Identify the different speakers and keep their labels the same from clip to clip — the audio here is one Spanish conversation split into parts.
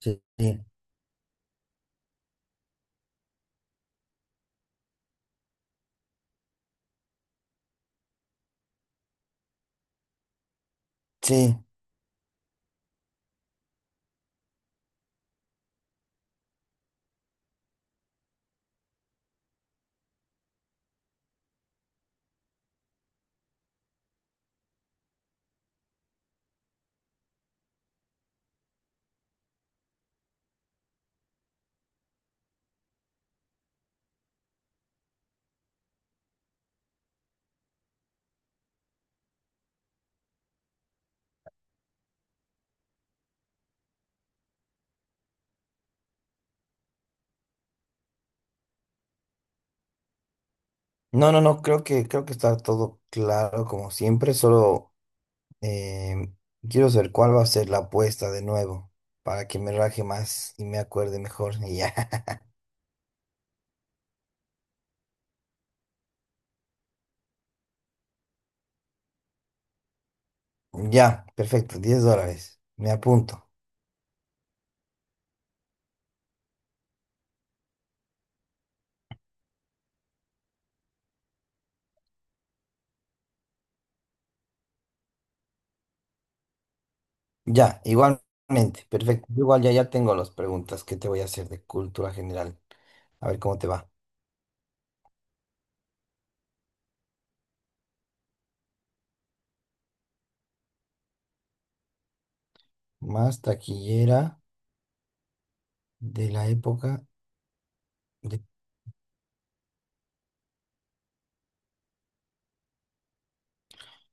Speaker 1: Sí, sí. No, creo que está todo claro como siempre. Solo eh, quiero saber cuál va a ser la apuesta de nuevo, para que me raje más y me acuerde mejor. Y ya. Ya, perfecto. 10 dólares, me apunto. Ya, igualmente, perfecto. Yo igual ya tengo las preguntas que te voy a hacer de cultura general. A ver cómo te va. Más taquillera de la época de...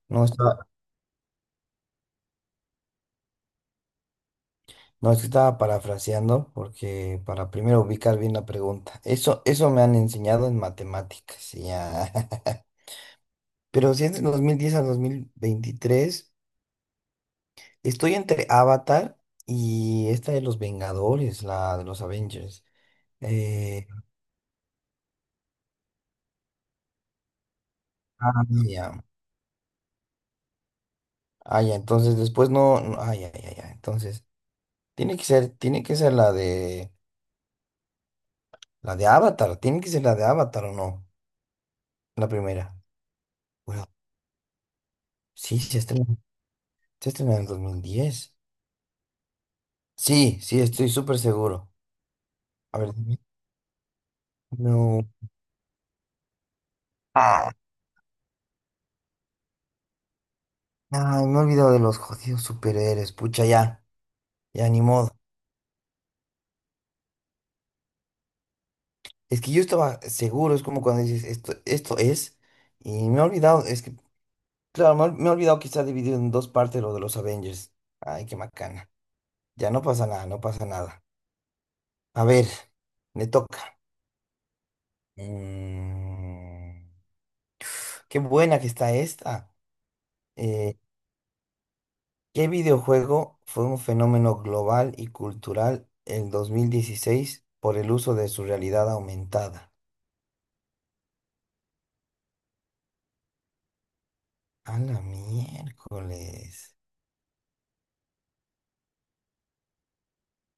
Speaker 1: No, está No, es que estaba parafraseando porque para primero ubicar bien la pregunta. Eso me han enseñado en matemáticas. Ya. Pero si es de 2010 a 2023, estoy entre Avatar y esta de los Vengadores, la de los Avengers. Eh, ya. Ah, ya, entonces después no, no- ah, ya. Entonces, tiene que ser la de Avatar. Tiene que ser la de Avatar, o no, la primera. Bueno, sí, se estrena en el 2010. Sí, sí, estoy súper seguro. A ver, dime. No. Ah, no, me he olvidado de los jodidos superhéroes. Pucha, ya, ya ni modo. Es que yo estaba seguro, es como cuando dices esto es, y me he olvidado. Es que, claro, me he olvidado que está dividido en dos partes lo de los Avengers. Ay, qué macana. Ya, no pasa nada, no pasa nada. A ver, me toca. Mm, qué buena que está esta. Eh, ¿Qué videojuego fue un fenómeno global y cultural en 2016 por el uso de su realidad aumentada? A la miércoles.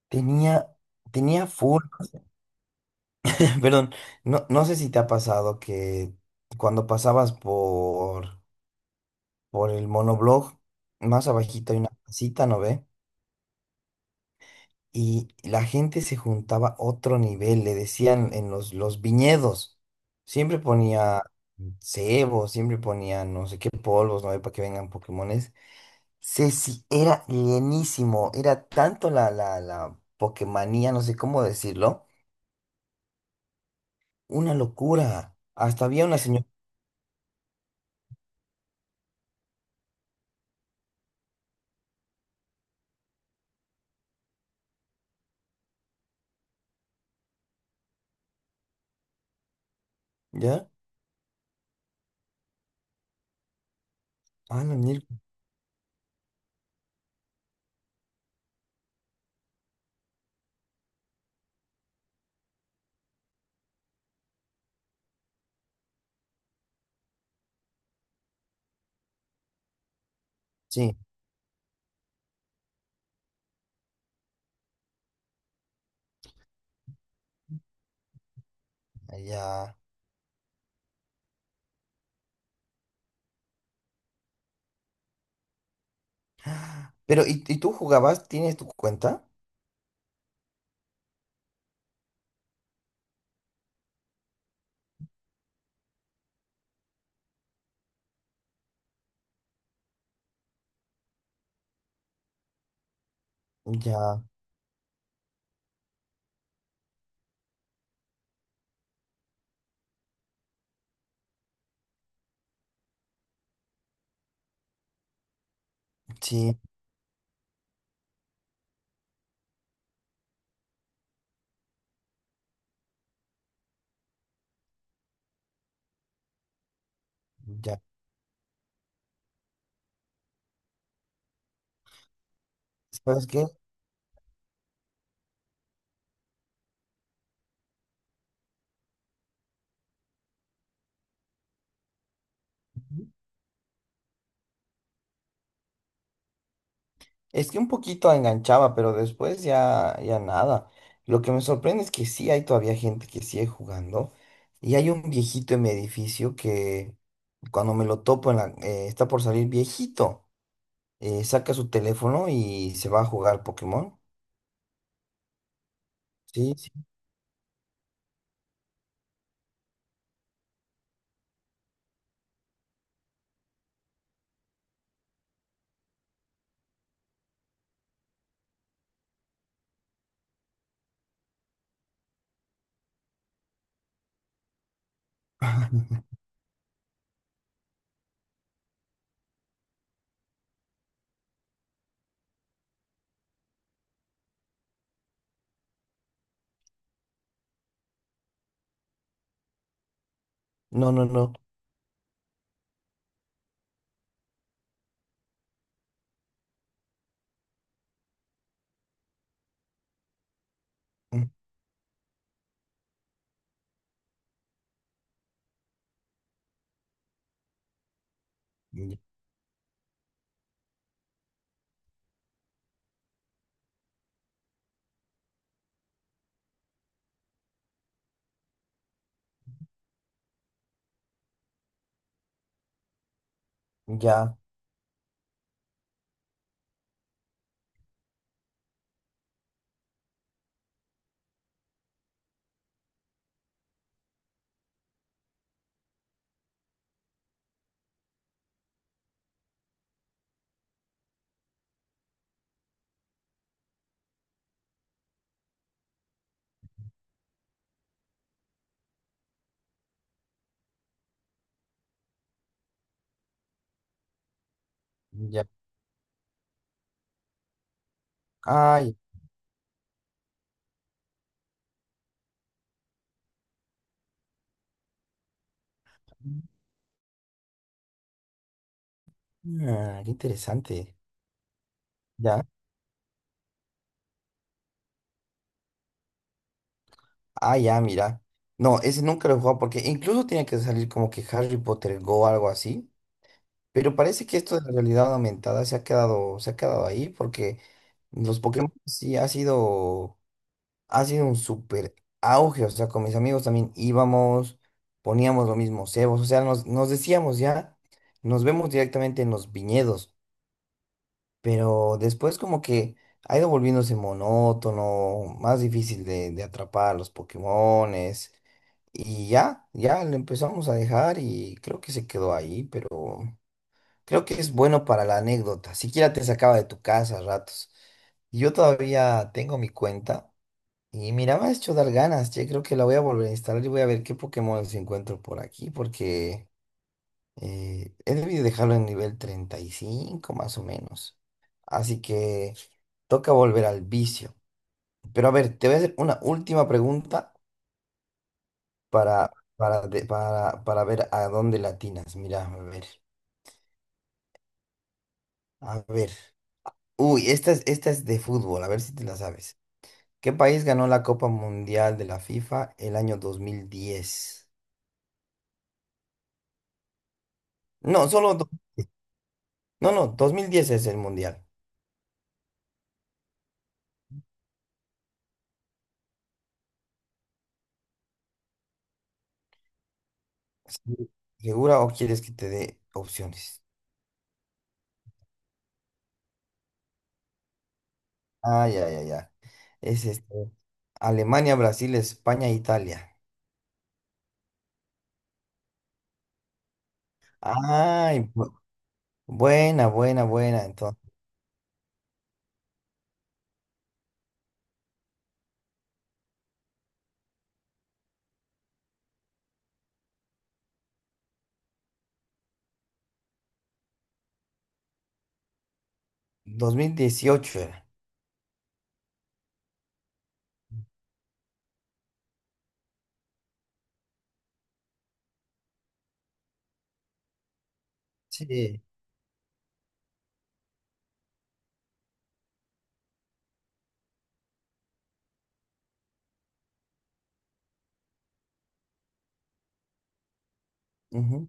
Speaker 1: Tenía, tenía full. Perdón, no no sé si te ha pasado que cuando por el monoblog, más abajito hay una casita, ¿no ve? Y la gente se juntaba a otro nivel, le decían en los viñedos, siempre ponía cebo, siempre ponía no sé qué polvos, no hay para que vengan Pokémones. Sí, sí, era llenísimo, era tanto la Pokémonía, no sé cómo decirlo, una locura. Hasta había una señora. ¿Ya? Ah, no, Nir- sí, allá. Pero, ¿y tú jugabas? ¿Tienes tu cuenta? Ya, sí, ya. ¿Sabes qué? Es que un poquito enganchaba, pero después ya, ya nada. Lo que me sorprende es que sí hay todavía gente que sigue jugando. Y hay un viejito en mi edificio que cuando me lo topo en está por salir viejito. Saca su teléfono y se va a jugar Pokémon. Sí, sí. No, no, no. Mm. Ya, ya. Ay, ah, qué interesante. Ya. Ah, ya, mira. No, ese nunca lo he jugado porque incluso tiene que salir como que Harry Potter Go o algo así. Pero parece que esto de la realidad aumentada se ha quedado ahí porque los Pokémon sí ha sido un súper auge. O sea, con mis amigos también íbamos, poníamos lo mismo cebos. O sea, nos decíamos ya, nos vemos directamente en los viñedos. Pero después como que ha ido volviéndose monótono, más difícil de atrapar los Pokémones. Y ya, ya lo empezamos a dejar y creo que se quedó ahí, pero... Creo que es bueno para la anécdota. Siquiera te sacaba de tu casa a ratos. Y yo todavía tengo mi cuenta. Y mira, me ha hecho dar ganas. Yo creo que la voy a volver a instalar y voy a ver qué Pokémon encuentro por aquí. Porque he debido dejarlo en nivel 35 más o menos. Así que toca volver al vicio. Pero a ver, te voy a hacer una última pregunta para, para ver a dónde latinas. Mira, a ver. A ver. Uy, esta es de fútbol. A ver si te la sabes. ¿Qué país ganó la Copa Mundial de la FIFA el año 2010? No, solo, do- no, no, 2010 es el mundial. Sí. ¿Segura o quieres que te dé opciones? Ah, ya. Es este, Alemania, Brasil, España, Italia. Ay, bu- buena, buena, buena. Entonces, 2018 era. Sí. Ujú.